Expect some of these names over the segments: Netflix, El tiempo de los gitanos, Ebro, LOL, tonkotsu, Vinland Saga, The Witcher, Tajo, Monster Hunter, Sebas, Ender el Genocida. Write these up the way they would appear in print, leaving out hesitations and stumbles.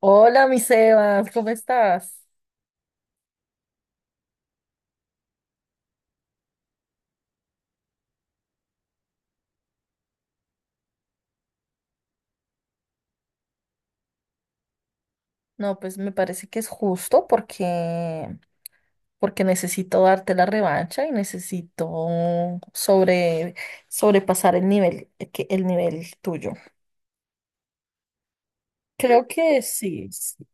Hola, mi Sebas, ¿cómo estás? No, pues me parece que es justo porque necesito darte la revancha y necesito sobre, sobrepasar el nivel, el nivel tuyo. Creo que sí, sí,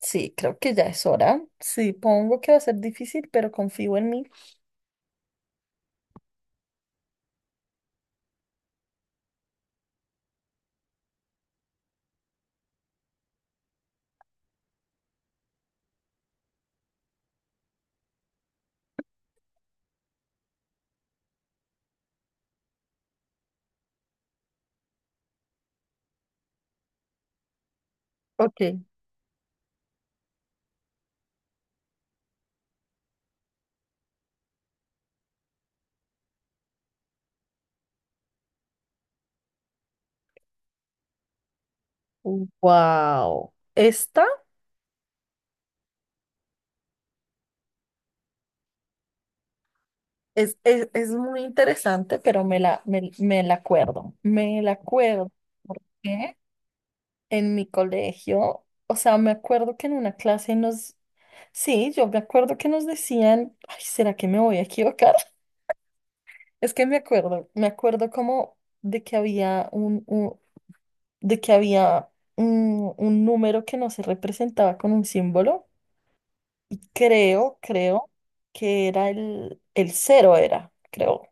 sí, creo que ya es hora. Sí, pongo que va a ser difícil, pero confío en mí. Ok, wow. Esta es muy interesante, pero me la acuerdo. Me la acuerdo. ¿Por qué? En mi colegio, o sea, me acuerdo que en una clase sí, yo me acuerdo que nos decían, ay, ¿será que me voy a equivocar? Es que me acuerdo como de que había de que había un número que no se representaba con un símbolo y creo que era el cero era, creo.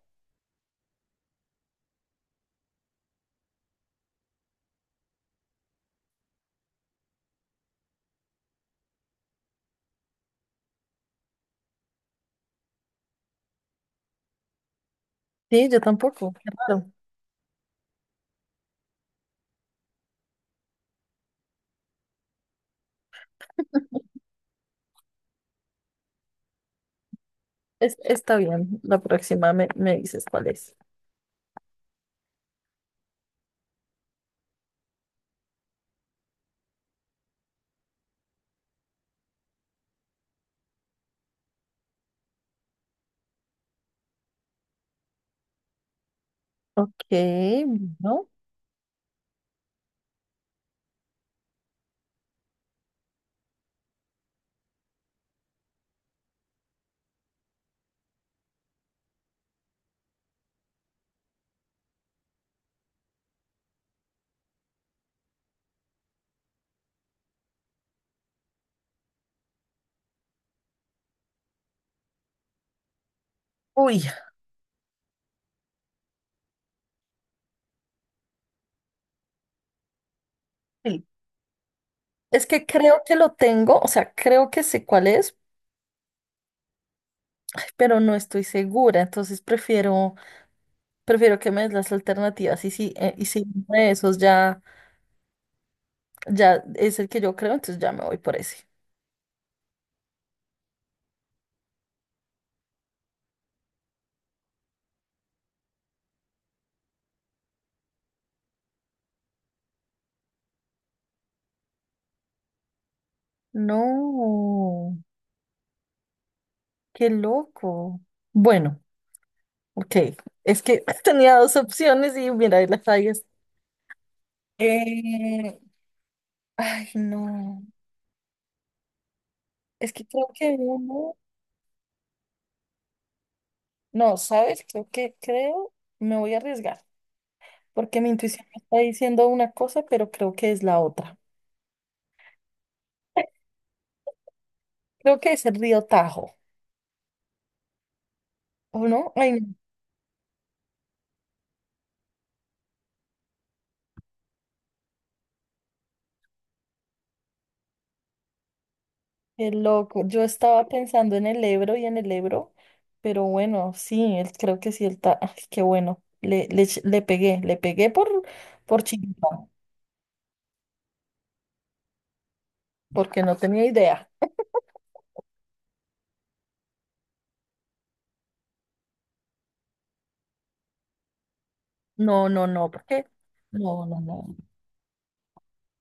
Sí, yo tampoco. Qué raro. Está bien, la próxima me dices cuál es. Ok, bueno. Uy, sí. Es que creo que lo tengo, o sea, creo que sé cuál es, ay, pero no estoy segura, entonces prefiero que me des las alternativas y si uno de esos ya es el que yo creo, entonces ya me voy por ese. No. Qué loco. Bueno, ok. Es que tenía dos opciones y mira, ahí las fallas. Eh, Ay, no. Es que creo que uno, no, ¿sabes? Me voy a arriesgar, porque mi intuición me está diciendo una cosa, pero creo que es la otra. Creo que es el río Tajo, ¿o no? Ay, no, qué loco. Yo estaba pensando en el Ebro y en el Ebro, pero bueno, sí, creo que sí, el Tajo. Ay, qué bueno. Le pegué, le pegué por chiquita. Porque no tenía idea. No, no, no, porque no, no, no.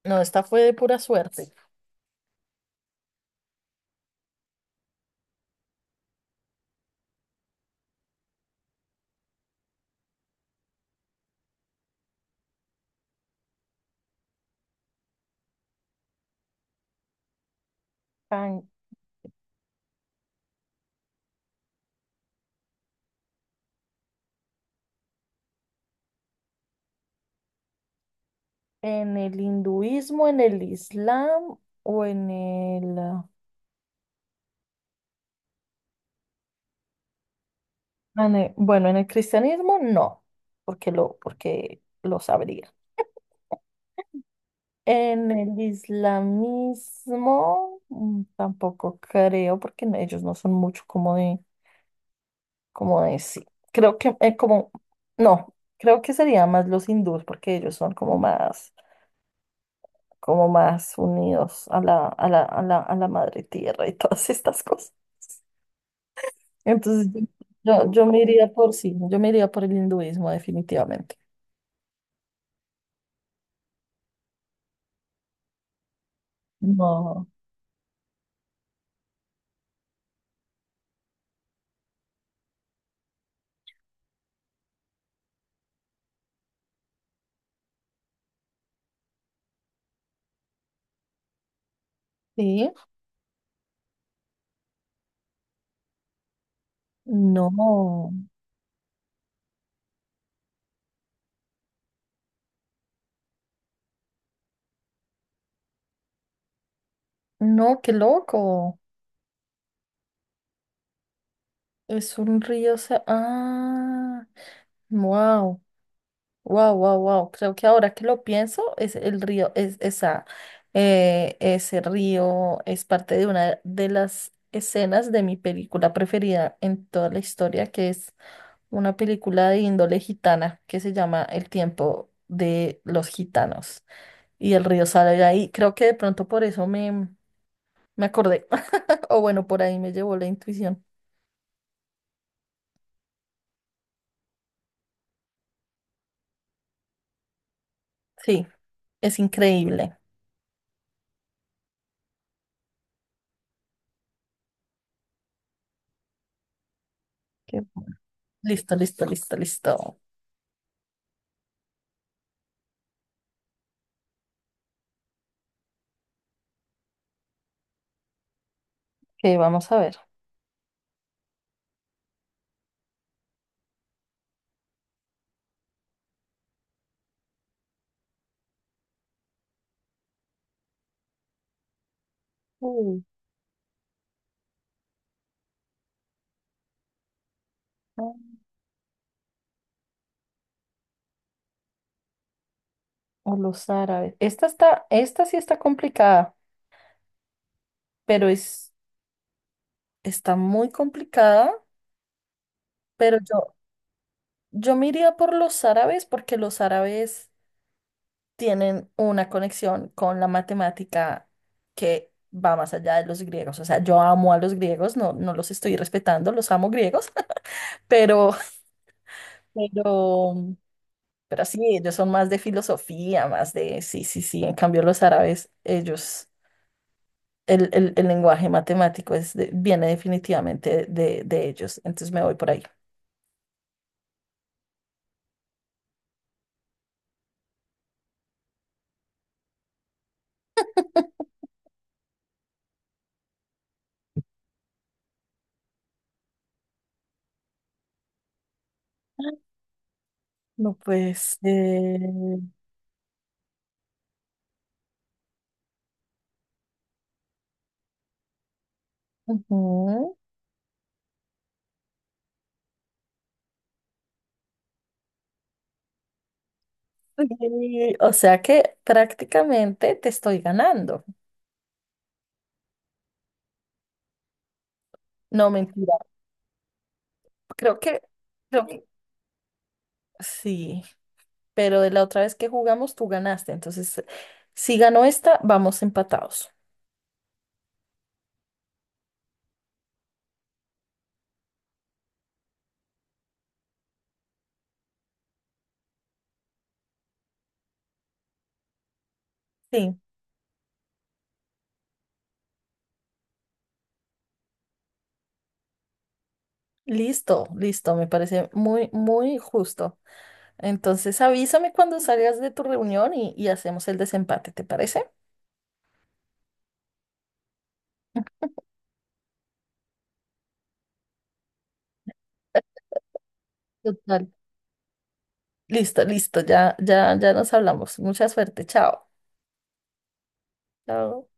No, esta fue de pura suerte. Tan- En el hinduismo, en el islam o en el, ah, en el- bueno, en el cristianismo no, porque lo sabría. En el islamismo tampoco creo, porque ellos no son mucho como de, sí. Creo que como, no, creo que serían más los hindúes, porque ellos son como más unidos a la madre tierra y todas estas cosas. Entonces, yo me iría por el hinduismo definitivamente. No. Sí, no, no, qué loco. Es un río, wow. Wow, wow, wow. Creo que ahora que lo pienso, es el río, es esa, ese río es parte de una de las escenas de mi película preferida en toda la historia, que es una película de índole gitana que se llama El tiempo de los gitanos. Y el río sale de ahí. Creo que de pronto por eso me acordé. O bueno, por ahí me llevó la intuición. Sí, es increíble. Qué bu- Listo, listo, listo, listo. Ok, vamos a ver. Bueno. O los árabes. Esta sí está complicada, pero es, está muy complicada, pero yo me iría por los árabes porque los árabes tienen una conexión con la matemática que va más allá de los griegos. O sea, yo amo a los griegos, no, no los estoy respetando, los amo griegos, pero, pero, pero sí, ellos son más de filosofía, sí, sí, sí. En cambio, los árabes, ellos el lenguaje matemático viene definitivamente de ellos. Entonces me voy por ahí. No, pues, ujú. Y, o sea que prácticamente te estoy ganando. No, mentira. Creo que, creo que sí, pero de la otra vez que jugamos tú ganaste. Entonces, si ganó esta, vamos empatados. Sí, listo, listo. Me parece muy, muy justo. Entonces, avísame cuando salgas de tu reunión y hacemos el desempate, ¿te parece? Total. Listo, listo, ya, ya, ya nos hablamos. Mucha suerte, chao. Chao.